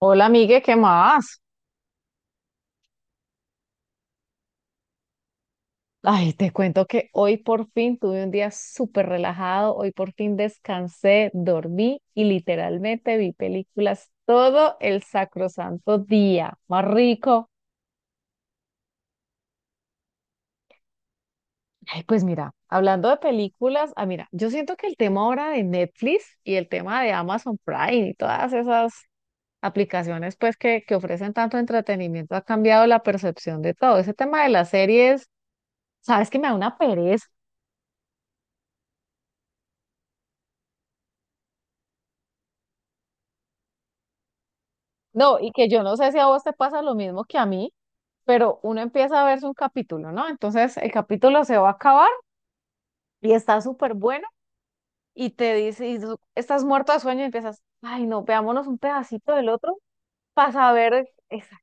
Hola, amigue, ¿qué más? Ay, te cuento que hoy por fin tuve un día súper relajado, hoy por fin descansé, dormí y literalmente vi películas todo el sacrosanto día. Más rico. Ay, pues mira, hablando de películas, mira, yo siento que el tema ahora de Netflix y el tema de Amazon Prime y todas esas aplicaciones pues que ofrecen tanto entretenimiento ha cambiado la percepción de todo. Ese tema de las series, sabes que me da una pereza. No, y que yo no sé si a vos te pasa lo mismo que a mí, pero uno empieza a verse un capítulo, ¿no? Entonces el capítulo se va a acabar y está súper bueno y te dice, y tú estás muerto de sueño y empiezas, ay no, veámonos un pedacito del otro para saber, esa".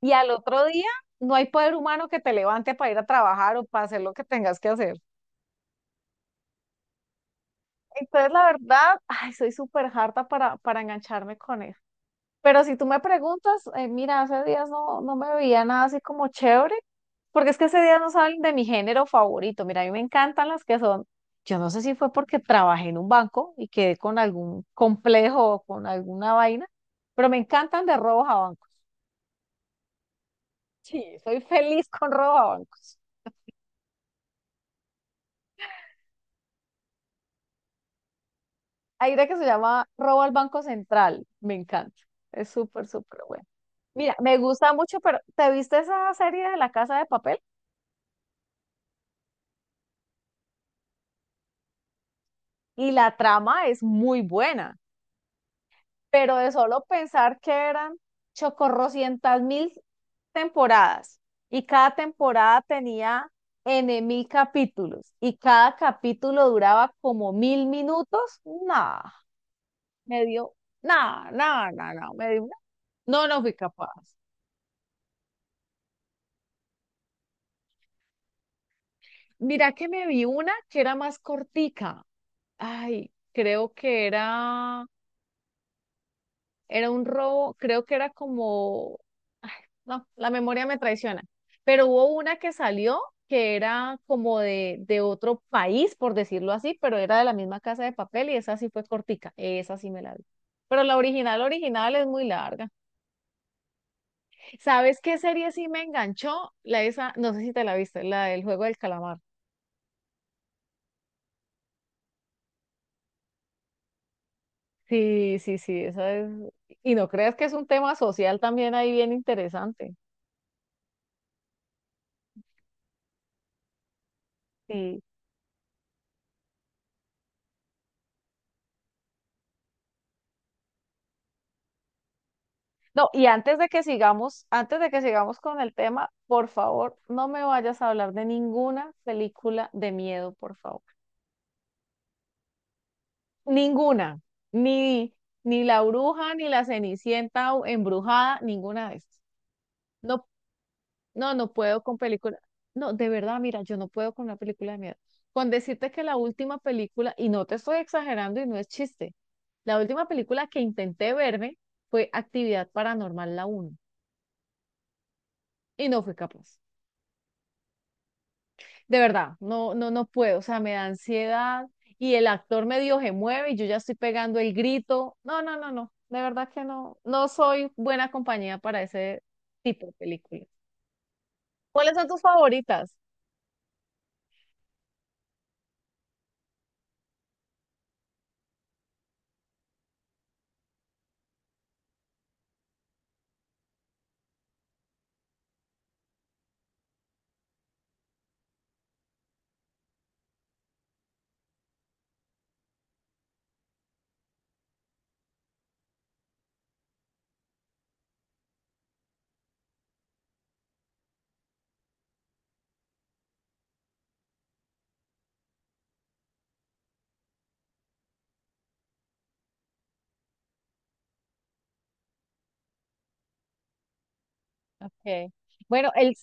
Y al otro día no hay poder humano que te levante para ir a trabajar o para hacer lo que tengas que hacer. Entonces la verdad, ay, soy súper harta para engancharme con eso. Pero si tú me preguntas, mira, hace días no, no me veía nada así como chévere, porque es que ese día no saben de mi género favorito. Mira, a mí me encantan las que son, yo no sé si fue porque trabajé en un banco y quedé con algún complejo o con alguna vaina, pero me encantan de robos a bancos. Sí, soy feliz con robos a bancos. Hay una que se llama Robo al Banco Central, me encanta. Es súper, súper bueno. Mira, me gusta mucho, pero ¿te viste esa serie de La Casa de Papel? Y la trama es muy buena, pero de solo pensar que eran chocorrocientas mil temporadas y cada temporada tenía N mil capítulos y cada capítulo duraba como mil minutos, nada, me dio, nada, nada, nada, nada, me dio una- no, no fui capaz. Mira que me vi una que era más cortica, ay, creo que era. Era un robo, creo que era como, ay, no, la memoria me traiciona, pero hubo una que salió que era como de otro país, por decirlo así, pero era de la misma casa de papel y esa sí fue cortica, esa sí me la vi. Pero la original, original es muy larga. ¿Sabes qué serie sí me enganchó? La esa, no sé si te la viste, la del juego del calamar. Sí, sí, sí, esa es. Y no creas que es un tema social también ahí bien interesante. Sí. No, y antes de que sigamos, antes de que sigamos con el tema, por favor, no me vayas a hablar de ninguna película de miedo, por favor. Ninguna. Ni, ni La Bruja, ni La Cenicienta o embrujada, ninguna de estas. No, no, no puedo con películas. No, de verdad, mira, yo no puedo con una película de miedo. Con decirte que la última película, y no te estoy exagerando y no es chiste, la última película que intenté verme fue Actividad Paranormal la uno y no fui capaz. De verdad, no, no, no puedo, o sea, me da ansiedad y el actor medio se mueve y yo ya estoy pegando el grito. No, no, no, no, de verdad que no, no soy buena compañía para ese tipo de películas. ¿Cuáles son tus favoritas? Okay. Bueno,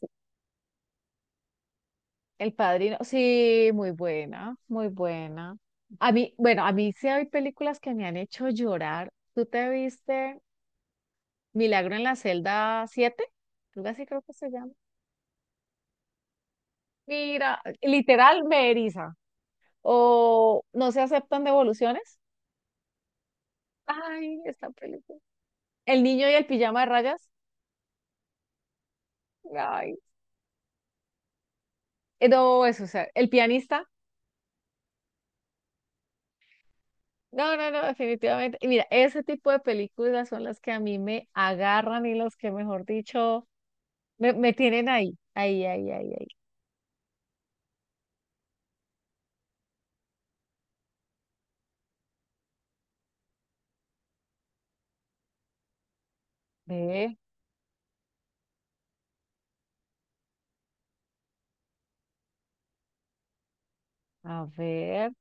el Padrino, sí, muy buena, muy buena. A mí, bueno, a mí sí hay películas que me han hecho llorar. ¿Tú te viste Milagro en la celda 7? Algo así creo que se llama. Mira, literal me eriza. O no se aceptan devoluciones. Ay, esta película. El niño y el pijama de rayas. Ay, no, eso, o sea, El pianista, no, no, no, definitivamente. Y mira, ese tipo de películas son las que a mí me agarran y los que, mejor dicho, me tienen ahí, ahí, ahí, ahí, ahí. Ve, a ver.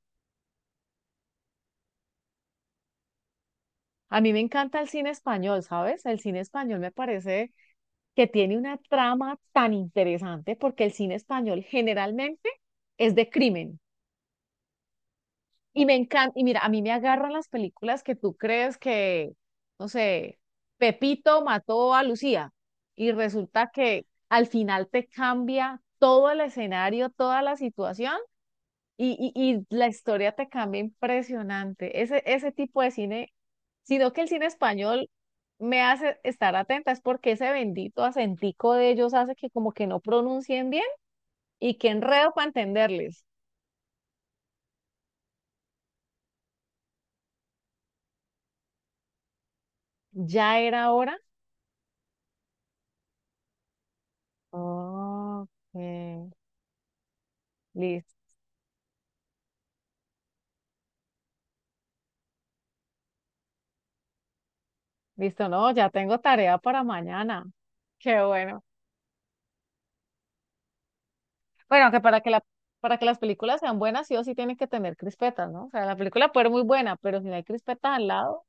A mí me encanta el cine español, ¿sabes? El cine español me parece que tiene una trama tan interesante porque el cine español generalmente es de crimen. Y me encanta, y mira, a mí me agarran las películas que tú crees que, no sé, Pepito mató a Lucía y resulta que al final te cambia todo el escenario, toda la situación y la historia te cambia impresionante. Ese tipo de cine, sino que el cine español me hace estar atenta, es porque ese bendito acentico de ellos hace que como que no pronuncien bien y que enredo para entenderles. Ya era hora. Ok. Listo, listo, no, ya tengo tarea para mañana. Qué bueno. Bueno, que para que la, para que las películas sean buenas, sí o sí tienen que tener crispetas, ¿no? O sea, la película puede ser muy buena, pero si no hay crispetas al lado,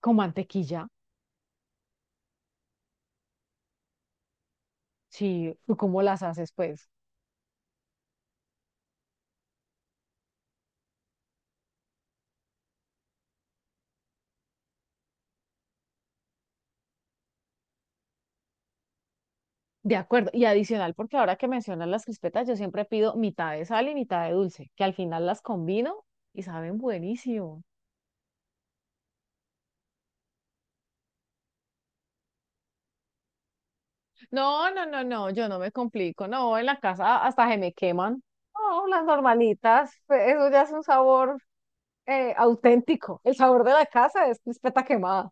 con mantequilla, sí, ¿tú cómo las haces, pues? De acuerdo. Y adicional, porque ahora que mencionas las crispetas, yo siempre pido mitad de sal y mitad de dulce, que al final las combino y saben buenísimo. No, no, no, no, yo no me complico. No, en la casa hasta se me queman. No, las normalitas, pues, eso ya es un sabor auténtico. El sabor de la casa es crispeta quemada.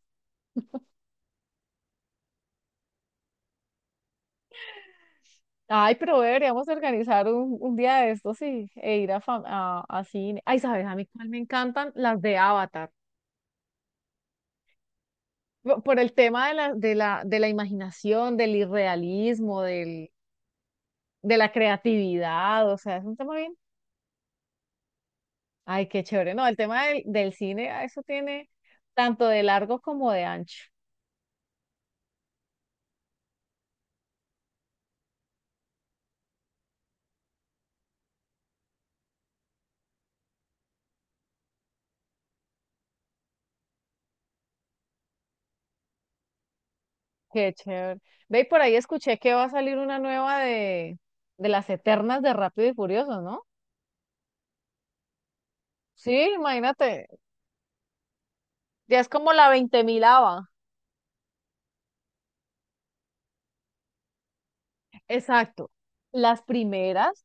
Ay, pero deberíamos organizar un día de estos y, e ir a, a cine. Ay, ¿sabes? A mí cuál me encantan las de Avatar. Por el tema de la imaginación, del irrealismo, del, de la creatividad. O sea, es un tema bien. Ay, qué chévere. No, el tema del cine, eso tiene tanto de largo como de ancho. Qué chévere. Ve, y por ahí escuché que va a salir una nueva de las Eternas de Rápido y Furioso, ¿no? Sí, imagínate, ya es como la veinte milava. Exacto. Las primeras,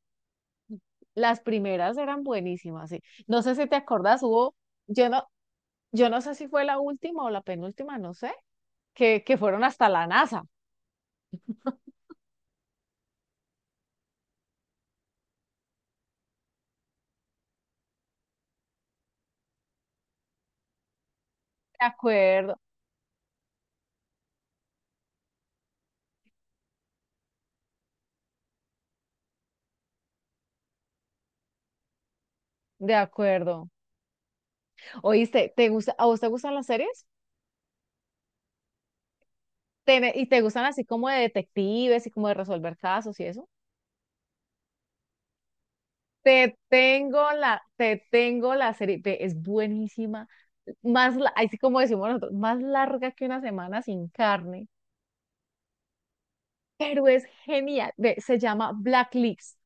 las primeras eran buenísimas, sí. No sé si te acordás, hubo, yo no, yo no sé si fue la última o la penúltima, no sé, que fueron hasta la NASA. De acuerdo, de acuerdo. Oíste, ¿te gusta, a vos te gustan las series? ¿Y te gustan así como de detectives y como de resolver casos y eso? Te tengo la serie, ve, es buenísima, más, así como decimos nosotros, más larga que una semana sin carne, pero es genial, ve, se llama Blacklist.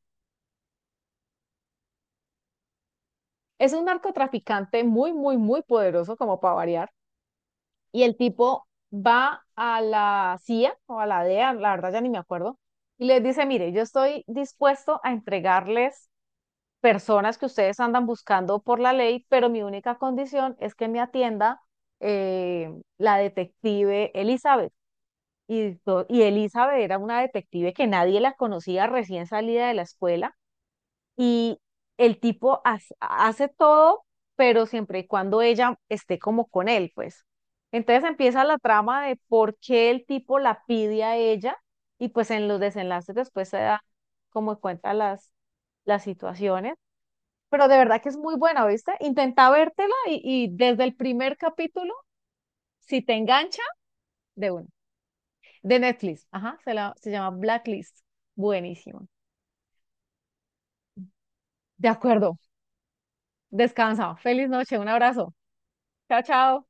Es un narcotraficante muy, muy, muy poderoso, como para variar, y el tipo va a la CIA o a la DEA, la verdad ya ni me acuerdo, y les dice, mire, yo estoy dispuesto a entregarles personas que ustedes andan buscando por la ley, pero mi única condición es que me atienda eh, la detective Elizabeth. Y, y Elizabeth era una detective que nadie la conocía, recién salida de la escuela, y el tipo hace, hace todo, pero siempre y cuando ella esté como con él, pues. Entonces empieza la trama de por qué el tipo la pide a ella, y pues en los desenlaces después se da como cuenta las situaciones, pero de verdad que es muy buena, ¿viste? Intenta vértela y desde el primer capítulo, si te engancha, de una. De Netflix, ajá, se, la, se llama Blacklist. Buenísimo. De acuerdo, descansa. Feliz noche, un abrazo. Chao, chao.